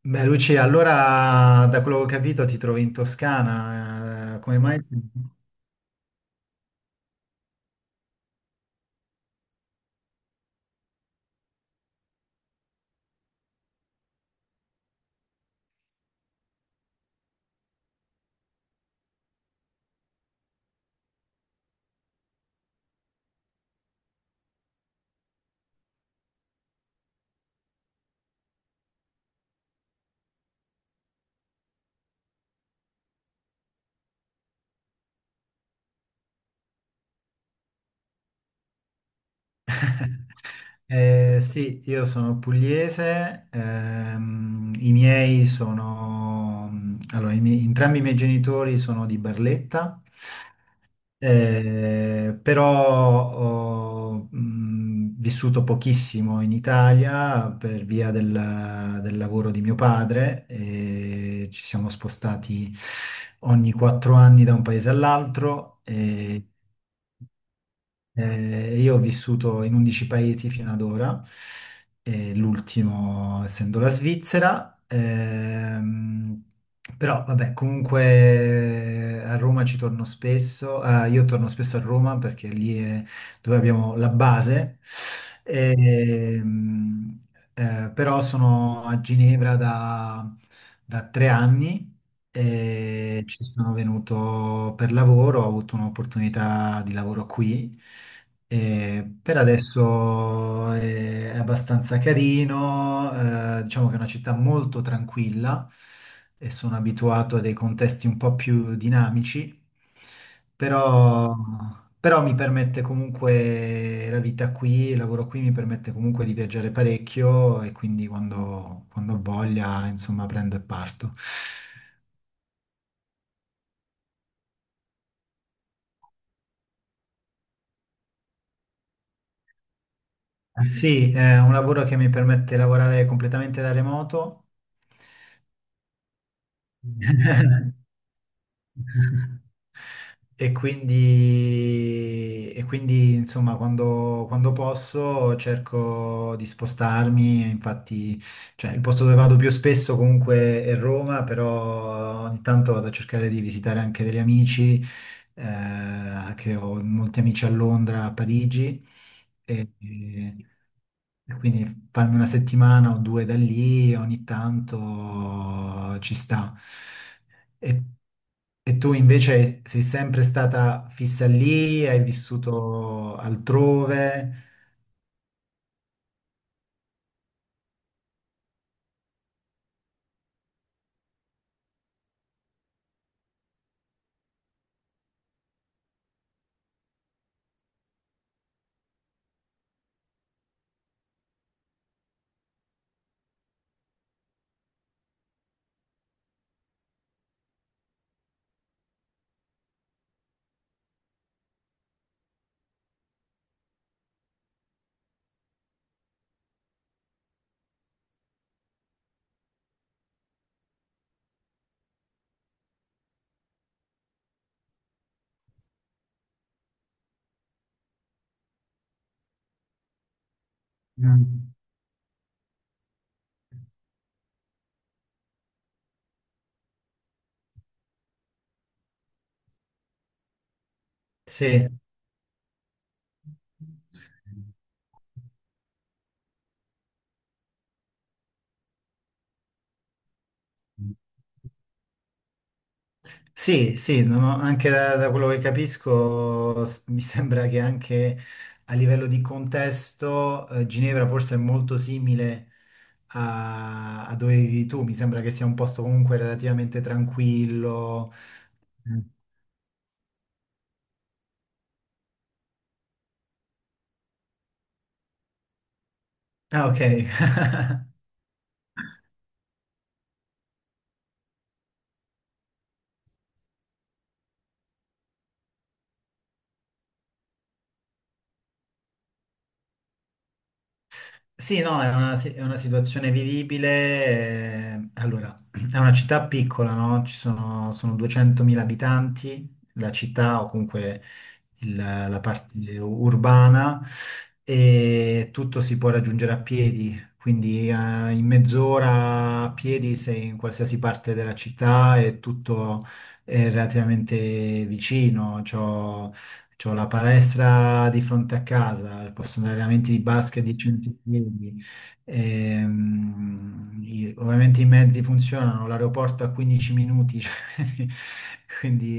Beh, Lucia, allora da quello che ho capito ti trovi in Toscana, come mai? Sì, io sono pugliese, i miei sono, allora, entrambi i miei genitori sono di Barletta. Però ho vissuto pochissimo in Italia per via del lavoro di mio padre e ci siamo spostati ogni 4 anni da un paese all'altro. E io ho vissuto in 11 paesi fino ad ora, l'ultimo essendo la Svizzera. Però vabbè, comunque a Roma ci torno spesso, io torno spesso a Roma perché lì è dove abbiamo la base. ehm, Però sono a Ginevra da 3 anni e ci sono venuto per lavoro, ho avuto un'opportunità di lavoro qui. E per adesso è abbastanza carino, diciamo che è una città molto tranquilla e sono abituato a dei contesti un po' più dinamici, però, però mi permette comunque la vita qui, il lavoro qui mi permette comunque di viaggiare parecchio e quindi quando ho voglia, insomma, prendo e parto. Sì, è un lavoro che mi permette di lavorare completamente da remoto. Insomma, quando posso cerco di spostarmi, e infatti, cioè, il posto dove vado più spesso comunque è Roma, però ogni tanto vado a cercare di visitare anche degli amici, che ho molti amici a Londra, a Parigi, e, e quindi farmi una settimana o due da lì ogni tanto ci sta. E e tu invece sei sempre stata fissa lì, hai vissuto altrove? Mm, sì. Sì, sì, non ho- anche da quello che capisco mi sembra che anche a livello di contesto Ginevra forse è molto simile a dove vivi tu, mi sembra che sia un posto comunque relativamente tranquillo. Mm. Ah, ok. Sì, no, è una, è una situazione vivibile. Allora, è una città piccola, no? Ci sono, sono 200.000 abitanti, la città o comunque la parte urbana, e tutto si può raggiungere a piedi, quindi in mezz'ora a piedi sei in qualsiasi parte della città e tutto è relativamente vicino. C'ho la palestra di fronte a casa, posso andare allenamenti di basket di 100 piedi. Ovviamente i mezzi funzionano, l'aeroporto a 15 minuti, cioè, quindi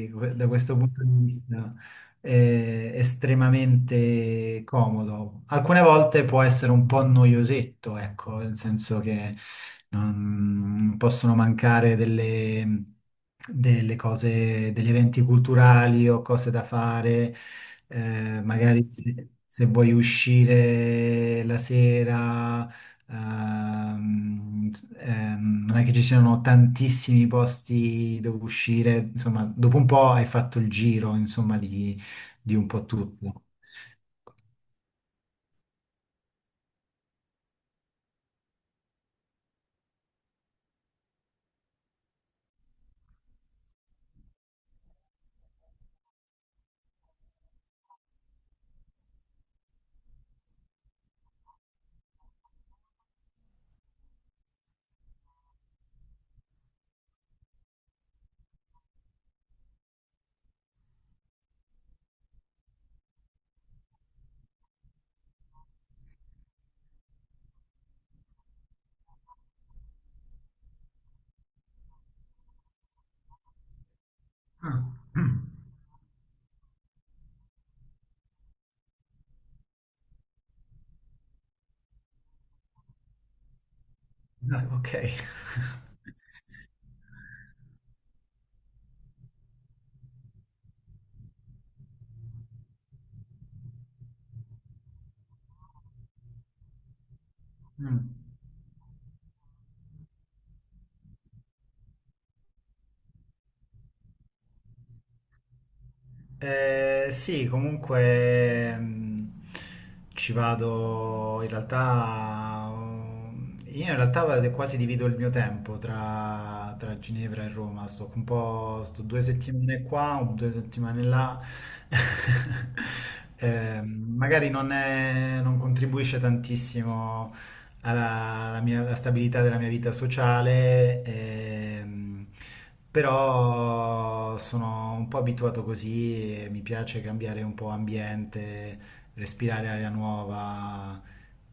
quindi que- da questo punto di vista estremamente comodo. Alcune volte può essere un po' noiosetto, ecco, nel senso che non possono mancare delle cose, degli eventi culturali o cose da fare, magari se, vuoi uscire la sera. ehm, Non è che ci siano tantissimi posti dove uscire, insomma, dopo un po' hai fatto il giro, insomma, di un po' tutto. Ah, ah, ok. Mm. Sì, comunque ci vado in realtà. Io in realtà quasi divido il mio tempo tra, tra Ginevra e Roma. Sto un po', sto 2 settimane qua, 2 settimane là. Magari non contribuisce tantissimo alla, alla stabilità della mia vita sociale, però sono un po' abituato così e mi piace cambiare un po' ambiente, respirare aria nuova,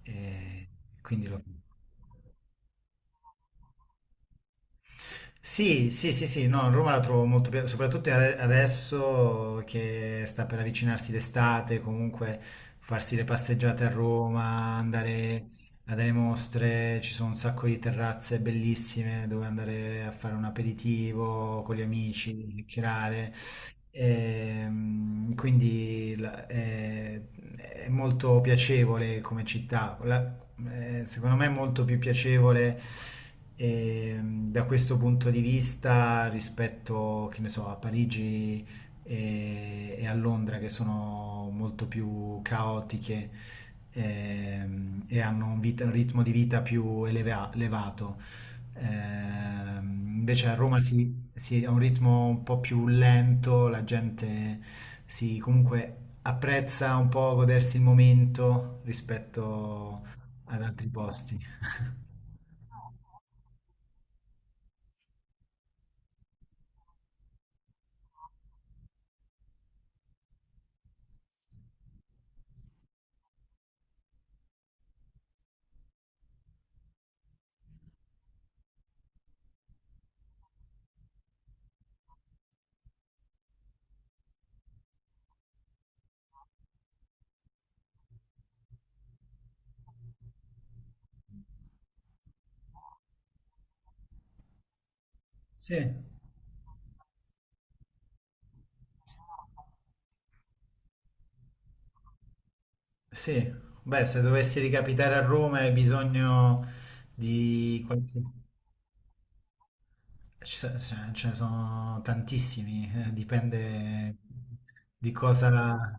e quindi lo. Sì, sì, sì, sì, no, Roma la trovo molto piena, soprattutto adesso che sta per avvicinarsi d'estate, comunque farsi le passeggiate a Roma, andare a delle mostre, ci sono un sacco di terrazze bellissime dove andare a fare un aperitivo con gli amici, chiacchierare. È è molto piacevole come città. Secondo me è molto più piacevole da questo punto di vista rispetto, che ne so, a Parigi e a Londra che sono molto più caotiche e hanno un ritmo di vita elevato. Invece a Roma si ha un ritmo un po' più lento, la gente si comunque apprezza un po' godersi il momento rispetto ad altri posti. Sì, sì. Beh, se dovessi ricapitare a Roma hai bisogno di qualche. Ce ne sono tantissimi, dipende di cosa.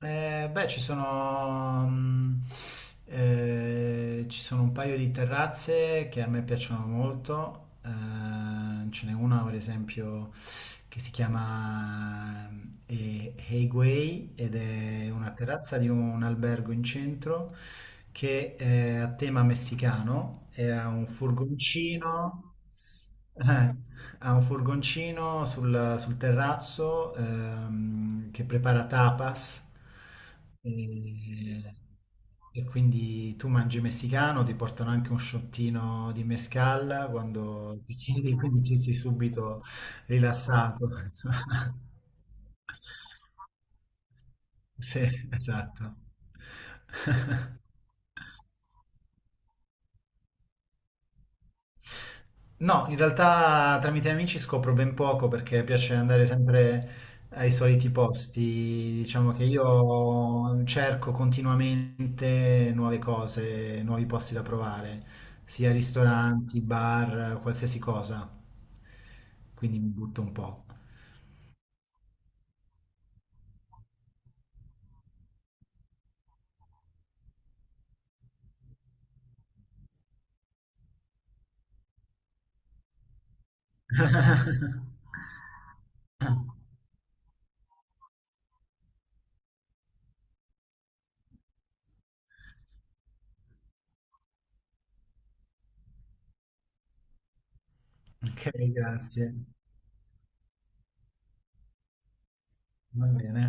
Beh, ci sono, ci sono un paio di terrazze che a me piacciono molto. Ce n'è una, per esempio, che si chiama Hei Guei, ed è una terrazza di un albergo in centro che è a tema messicano e eh, ha un furgoncino sul terrazzo che prepara tapas, e, e quindi tu mangi messicano, ti portano anche un shottino di mezcal quando ti siedi, quindi ti sei subito rilassato. Insomma. Sì, esatto. No, in realtà tramite amici scopro ben poco perché piace andare sempre ai soliti posti. Diciamo che io cerco continuamente nuove cose, nuovi posti da provare, sia ristoranti, bar, qualsiasi cosa. Quindi mi butto un po'. Ok, grazie. Va bene.